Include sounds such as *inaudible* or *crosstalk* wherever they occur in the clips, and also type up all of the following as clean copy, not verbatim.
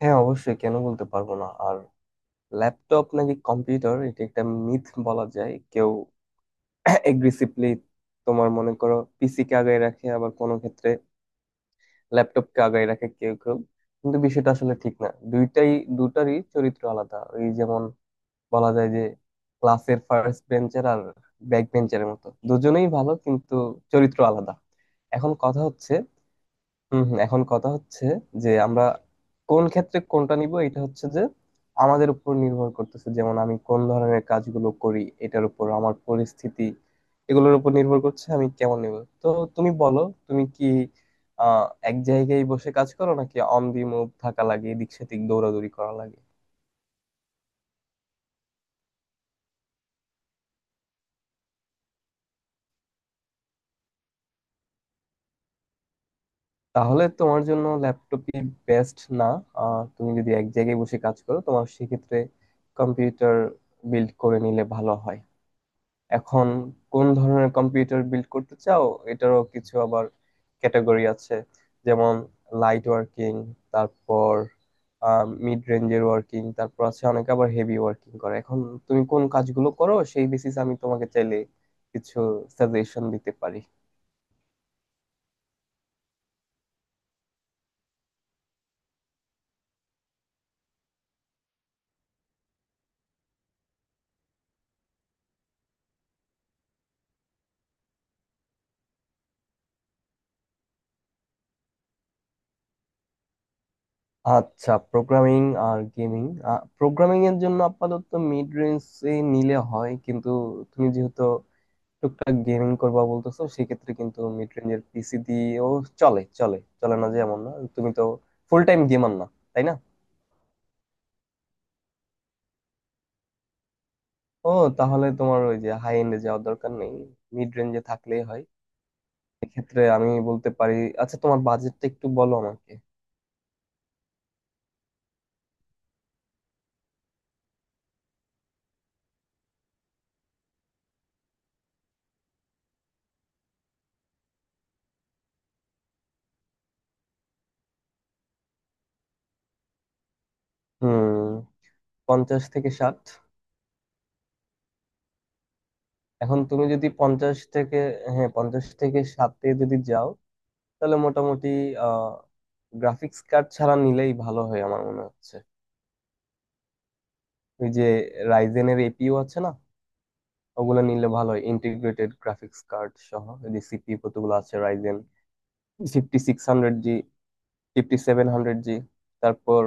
হ্যাঁ, অবশ্যই, কেন বলতে পারবো না। আর ল্যাপটপ নাকি কম্পিউটার, এটা একটা মিথ বলা যায়। কেউ এগ্রেসিভলি তোমার মনে করো পিসি কে আগায় রাখে, আবার কোনো ক্ষেত্রে ল্যাপটপ কে আগায় রাখে কেউ কেউ। কিন্তু বিষয়টা আসলে ঠিক না, দুইটাই দুটারই চরিত্র আলাদা। এই যেমন বলা যায় যে ক্লাসের ফার্স্ট বেঞ্চের আর ব্যাক বেঞ্চের মতো দুজনেই ভালো, কিন্তু চরিত্র আলাদা। এখন কথা হচ্ছে এখন কথা হচ্ছে যে আমরা কোন ক্ষেত্রে কোনটা নিব। এটা হচ্ছে যে আমাদের উপর নির্ভর করতেছে, যেমন আমি কোন ধরনের কাজগুলো করি, এটার উপর, আমার পরিস্থিতি, এগুলোর উপর নির্ভর করছে আমি কেমন নিব। তো তুমি বলো, তুমি কি আহ এক জায়গায় বসে কাজ করো নাকি অন দি মুভ থাকা লাগে, এদিক সেদিক দৌড়াদৌড়ি করা লাগে? তাহলে তোমার জন্য ল্যাপটপই বেস্ট, না? তুমি যদি এক জায়গায় বসে কাজ করো, তোমার সেক্ষেত্রে কম্পিউটার বিল্ড করে নিলে ভালো হয়। এখন কোন ধরনের কম্পিউটার বিল্ড করতে চাও? এটারও কিছু আবার ক্যাটাগরি আছে, যেমন লাইট ওয়ার্কিং, তারপর মিড রেঞ্জের ওয়ার্কিং, তারপর আছে অনেকে আবার হেভি ওয়ার্কিং করে। এখন তুমি কোন কাজগুলো করো সেই বেসিস আমি তোমাকে চাইলে কিছু সাজেশন দিতে পারি। আচ্ছা, প্রোগ্রামিং আর গেমিং। প্রোগ্রামিং এর জন্য আপাতত মিড রেঞ্জ নিলে হয়, কিন্তু তুমি যেহেতু টুকটাক গেমিং করবা বলতেছো, সেক্ষেত্রে কিন্তু মিড রেঞ্জের পিসি দিয়েও চলে চলে চলে না। যেমন না, তুমি তো ফুল টাইম গেমার না, তাই না? ও, তাহলে তোমার ওই যে হাই এন্ডে যাওয়ার দরকার নেই, মিড রেঞ্জে থাকলেই হয়। এক্ষেত্রে আমি বলতে পারি, আচ্ছা তোমার বাজেটটা একটু বলো আমাকে। হুম, 50 থেকে 60। এখন তুমি যদি পঞ্চাশ থেকে হ্যাঁ, 50 থেকে 60-এ যদি যাও তাহলে মোটামুটি আহ গ্রাফিক্স কার্ড ছাড়া নিলেই ভালো হয় আমার মনে হচ্ছে। ওই যে রাইজেনের এপিইউ আছে না, ওগুলো নিলে ভালো হয়, ইন্টিগ্রেটেড গ্রাফিক্স কার্ড সহ। যদি সিপিইউ কতগুলো আছে Ryzen fifty six hundred G, fifty seven hundred G, তারপর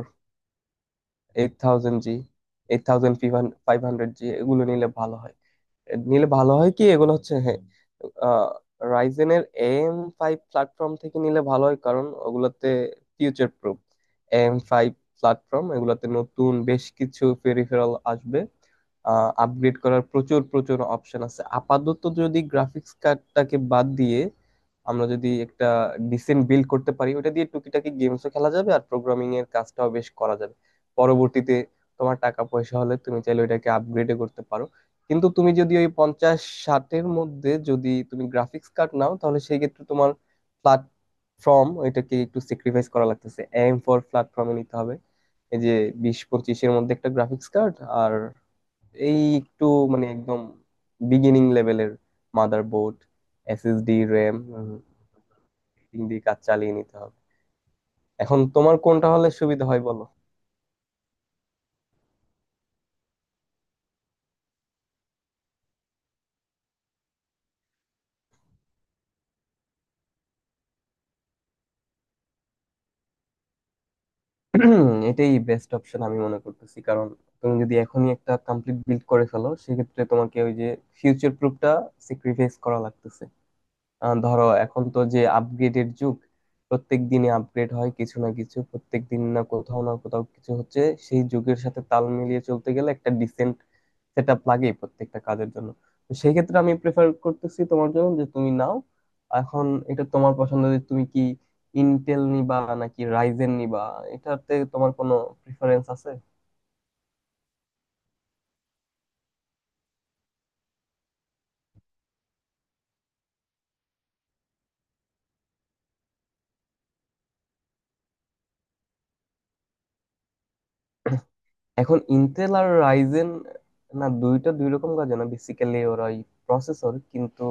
eight thousand G, eight thousand five hundred G, এগুলো নিলে ভালো হয়। নিলে ভালো হয় কি, এগুলো হচ্ছে হ্যাঁ রাইজেনের এম ফাইভ প্ল্যাটফর্ম থেকে নিলে ভালো হয়, কারণ ওগুলোতে future proof. M five platform, এগুলোতে নতুন বেশ কিছু পেরিফেরাল আসবে, আপগ্রেড করার প্রচুর প্রচুর অপশন আছে। আপাতত যদি গ্রাফিক্স কার্ডটাকে বাদ দিয়ে আমরা যদি একটা ডিসেন্ট বিল্ড করতে পারি, ওটা দিয়ে টুকিটাকি গেমসও খেলা যাবে আর প্রোগ্রামিং এর কাজটাও বেশ করা যাবে। পরবর্তীতে তোমার টাকা পয়সা হলে তুমি চাইলে ওইটাকে আপগ্রেডও করতে পারো। কিন্তু তুমি যদি ওই 50-60-এর মধ্যে যদি তুমি গ্রাফিক্স কার্ড নাও, তাহলে সেই ক্ষেত্রে তোমার প্ল্যাটফর্ম ওইটাকে একটু স্যাক্রিফাইস করা লাগতেছে, এম ফর প্ল্যাটফর্মে নিতে হবে। এই যে 20-25-এর মধ্যে একটা গ্রাফিক্স কার্ড আর এই একটু মানে একদম বিগিনিং লেভেলের মাদারবোর্ড, এসএসডি, র্যাম দিয়ে কাজ চালিয়ে নিতে হবে। এখন তোমার কোনটা হলে সুবিধা হয় বলো। *clears throat* এটাই বেস্ট অপশন আমি মনে করতেছি, কারণ তুমি যদি এখনই একটা কমপ্লিট বিল্ড করে ফেলো, সেক্ষেত্রে তোমাকে ওই যে ফিউচার প্রুফটা স্যাক্রিফাইস করা লাগতেছে। ধরো এখন তো যে আপগ্রেডের যুগ, প্রত্যেক দিনে আপগ্রেড হয় কিছু না কিছু। প্রত্যেক দিন না কোথাও না কোথাও কিছু হচ্ছে। সেই যুগের সাথে তাল মিলিয়ে চলতে গেলে একটা ডিসেন্ট সেট আপ লাগেই প্রত্যেকটা কাজের জন্য। তো সেই ক্ষেত্রে আমি প্রেফার করতেছি তোমার জন্য যে তুমি নাও এখন। এটা তোমার পছন্দ যে তুমি কি ইন্টেল নিবা নাকি রাইজেন নিবা, এটাতে তোমার কোনো প্রিফারেন্স আছে? এখন ইন্টেল আর রাইজেন না, দুইটা দুই রকম কাজ না। বেসিক্যালি ওরা প্রসেসর, কিন্তু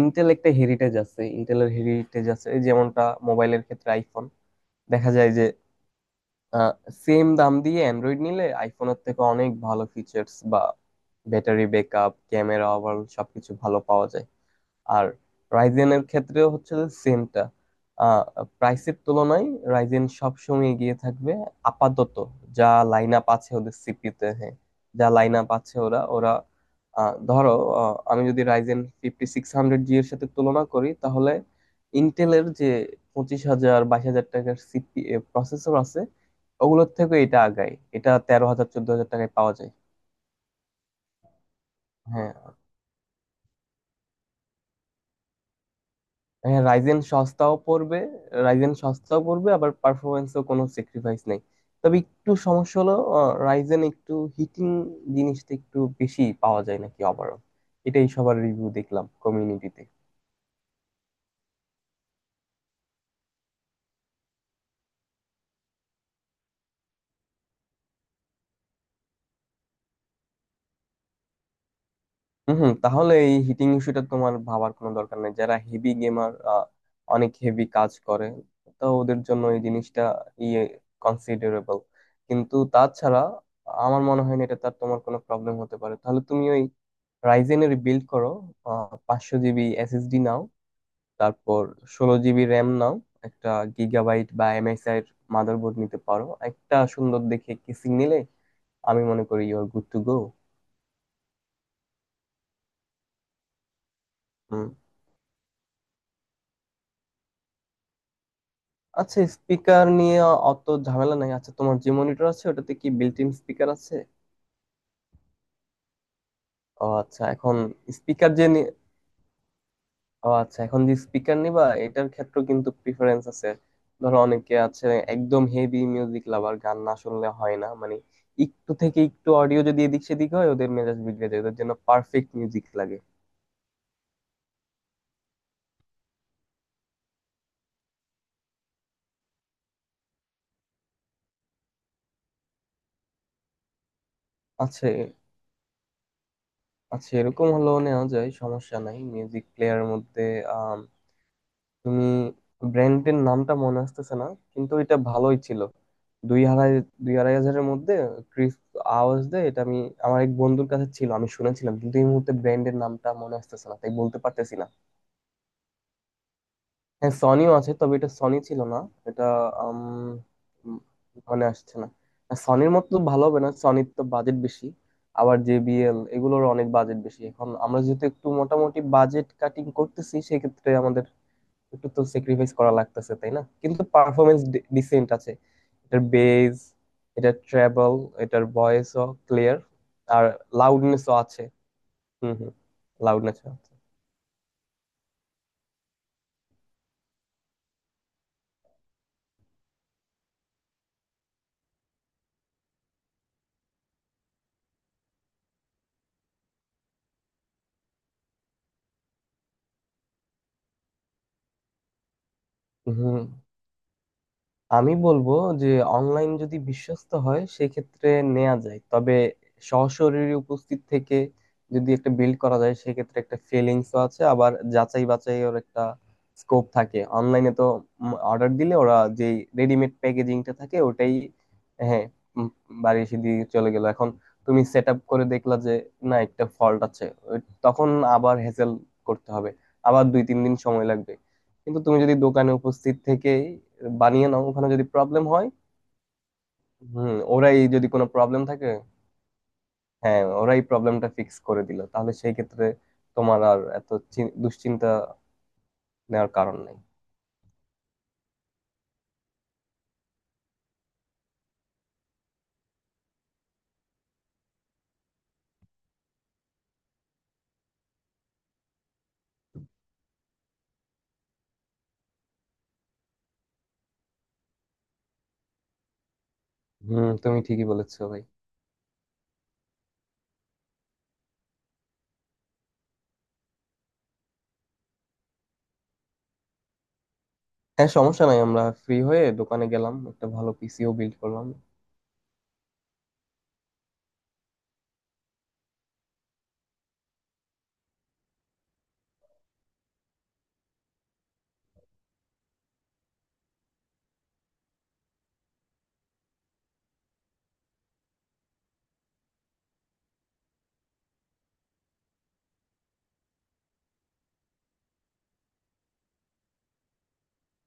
ইন্টেলের হেরিটেজ আছে, যেমনটা মোবাইলের ক্ষেত্রে আইফোন দেখা যায় যে সেম দাম দিয়ে অ্যান্ড্রয়েড নিলে আইফোনের থেকে অনেক ভালো ফিচার্স বা ব্যাটারি ব্যাকআপ, ক্যামেরা, ওভারঅল সবকিছু ভালো পাওয়া যায়। আর রাইজেনের ক্ষেত্রেও হচ্ছে সেমটা। আহ প্রাইসের তুলনায় রাইজেন সবসময় এগিয়ে থাকবে, আপাতত যা লাইন আপ আছে ওদের সিপিতে। হ্যাঁ, যা লাইন আপ আছে ওরা ওরা ধরো আমি যদি Ryzen fifty six hundred G এর সাথে তুলনা করি তাহলে ইন্টেলের যে 25,000 22,000 টাকার সিপি প্রসেসর আছে ওগুলোর থেকে এটা আগায়। এটা 13,000 14,000 টাকায় পাওয়া যায়। হ্যাঁ, হ্যাঁ রাইজেন সস্তাও পড়বে। রাইজেন সস্তাও পড়বে আবার পারফরমেন্সও কোনো স্যাক্রিফাইস নেই। তবে একটু সমস্যা হলো, রাইজেন একটু হিটিং জিনিসটা একটু বেশি পাওয়া যায় নাকি ওভারঅল। এটাই সবার রিভিউ দেখলাম কমিউনিটিতে। হম হম, তাহলে এই হিটিং ইস্যুটা তোমার ভাবার কোনো দরকার নেই। যারা হেভি গেমার, অনেক হেভি কাজ করে, তো ওদের জন্য এই জিনিসটা ইয়ে কনসিডারেবল। কিন্তু তাছাড়া আমার মনে হয় না এটা তোমার কোনো প্রবলেম হতে পারে। তাহলে তুমি ওই রাইজেনের বিল্ড করো, 500 জিবি এসএসডি নাও, তারপর 16 জিবি র্যাম নাও, একটা গিগাবাইট বা এমএসআই এর মাদারবোর্ড নিতে পারো, একটা সুন্দর দেখে কিসিং নিলে আমি মনে করি you are good to go. আচ্ছা, স্পিকার নিয়ে অত ঝামেলা নাই। আচ্ছা, তোমার যে মনিটর আছে ওটাতে কি বিল্ট ইন স্পিকার আছে? ও আচ্ছা, এখন স্পিকার যে নি- ও আচ্ছা, এখন যে স্পিকার নিবা এটার ক্ষেত্রে কিন্তু প্রিফারেন্স আছে। ধরো অনেকে আছে একদম হেভি মিউজিক লাভার, গান না শুনলে হয় না মানে। একটু থেকে একটু অডিও যদি এদিক সেদিক হয় ওদের মেজাজ বিগড়ে যায়, ওদের জন্য পারফেক্ট মিউজিক লাগে। আচ্ছা আচ্ছা, এরকম হলেও নেওয়া যায়, সমস্যা নাই। মিউজিক প্লেয়ারের মধ্যে তুমি ব্র্যান্ডের নামটা মনে আসতেছে না, কিন্তু এটা ভালোই ছিল। দুই আড়াই 2-2.5 হাজারের মধ্যে ক্রিস আওয়াজ দেয়। এটা আমি আমার এক বন্ধুর কাছে ছিল, আমি শুনেছিলাম, কিন্তু এই মুহূর্তে ব্র্যান্ডের নামটা মনে আসতেছে না, তাই বলতে পারতেছি না। হ্যাঁ, সনিও আছে, তবে এটা সনি ছিল না। এটা আম, উম, মনে আসছে না। আর সনির মতো তো ভালো হবে না, সনির তো বাজেট বেশি। আবার জেবিএল এগুলোর অনেক বাজেট বেশি। এখন আমরা যেহেতু একটু মোটামুটি বাজেট কাটিং করতেছি সেক্ষেত্রে আমাদের একটু তো স্যাক্রিফাইস করা লাগতেছে, তাই না? কিন্তু পারফরমেন্স ডিসেন্ট আছে। এটার বেস, এটার ট্র্যাভেল, এটার ভয়েসও ক্লিয়ার, আর লাউডনেসও আছে। হুম হুম, লাউডনেসও আছে। হুম, আমি বলবো যে অনলাইন যদি বিশ্বস্ত হয় সেক্ষেত্রে নেওয়া যায়, তবে সশরীরে উপস্থিত থেকে যদি একটা বিল্ড করা যায় সেক্ষেত্রে একটা ফিলিংসও আছে, আবার যাচাই বাছাইয়ের একটা স্কোপ থাকে। অনলাইনে তো অর্ডার দিলে ওরা যে রেডিমেড প্যাকেজিংটা থাকে ওটাই। হ্যাঁ, উম, বাড়ি এসে দিয়ে চলে গেল এখন, তুমি সেট আপ করে দেখলা যে না একটা ফল্ট আছে, তখন আবার হ্যাসেল করতে হবে। আবার 2-3 দিন সময় লাগবে। কিন্তু তুমি যদি দোকানে উপস্থিত থেকে বানিয়ে নাও, ওখানে যদি প্রবলেম হয়, হুম, ওরাই যদি কোনো প্রবলেম থাকে, হ্যাঁ, ওরাই প্রবলেমটা ফিক্স করে দিল তাহলে সেই ক্ষেত্রে তোমার আর এত দুশ্চিন্তা নেওয়ার কারণ নেই। হুম, তুমি ঠিকই বলেছো ভাই। হ্যাঁ, সমস্যা নাই, আমরা ফ্রি হয়ে দোকানে গেলাম, একটা ভালো পিসিও বিল্ড করলাম।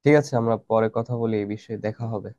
ঠিক আছে, আমরা পরে কথা বলি এই বিষয়ে, দেখা হবে।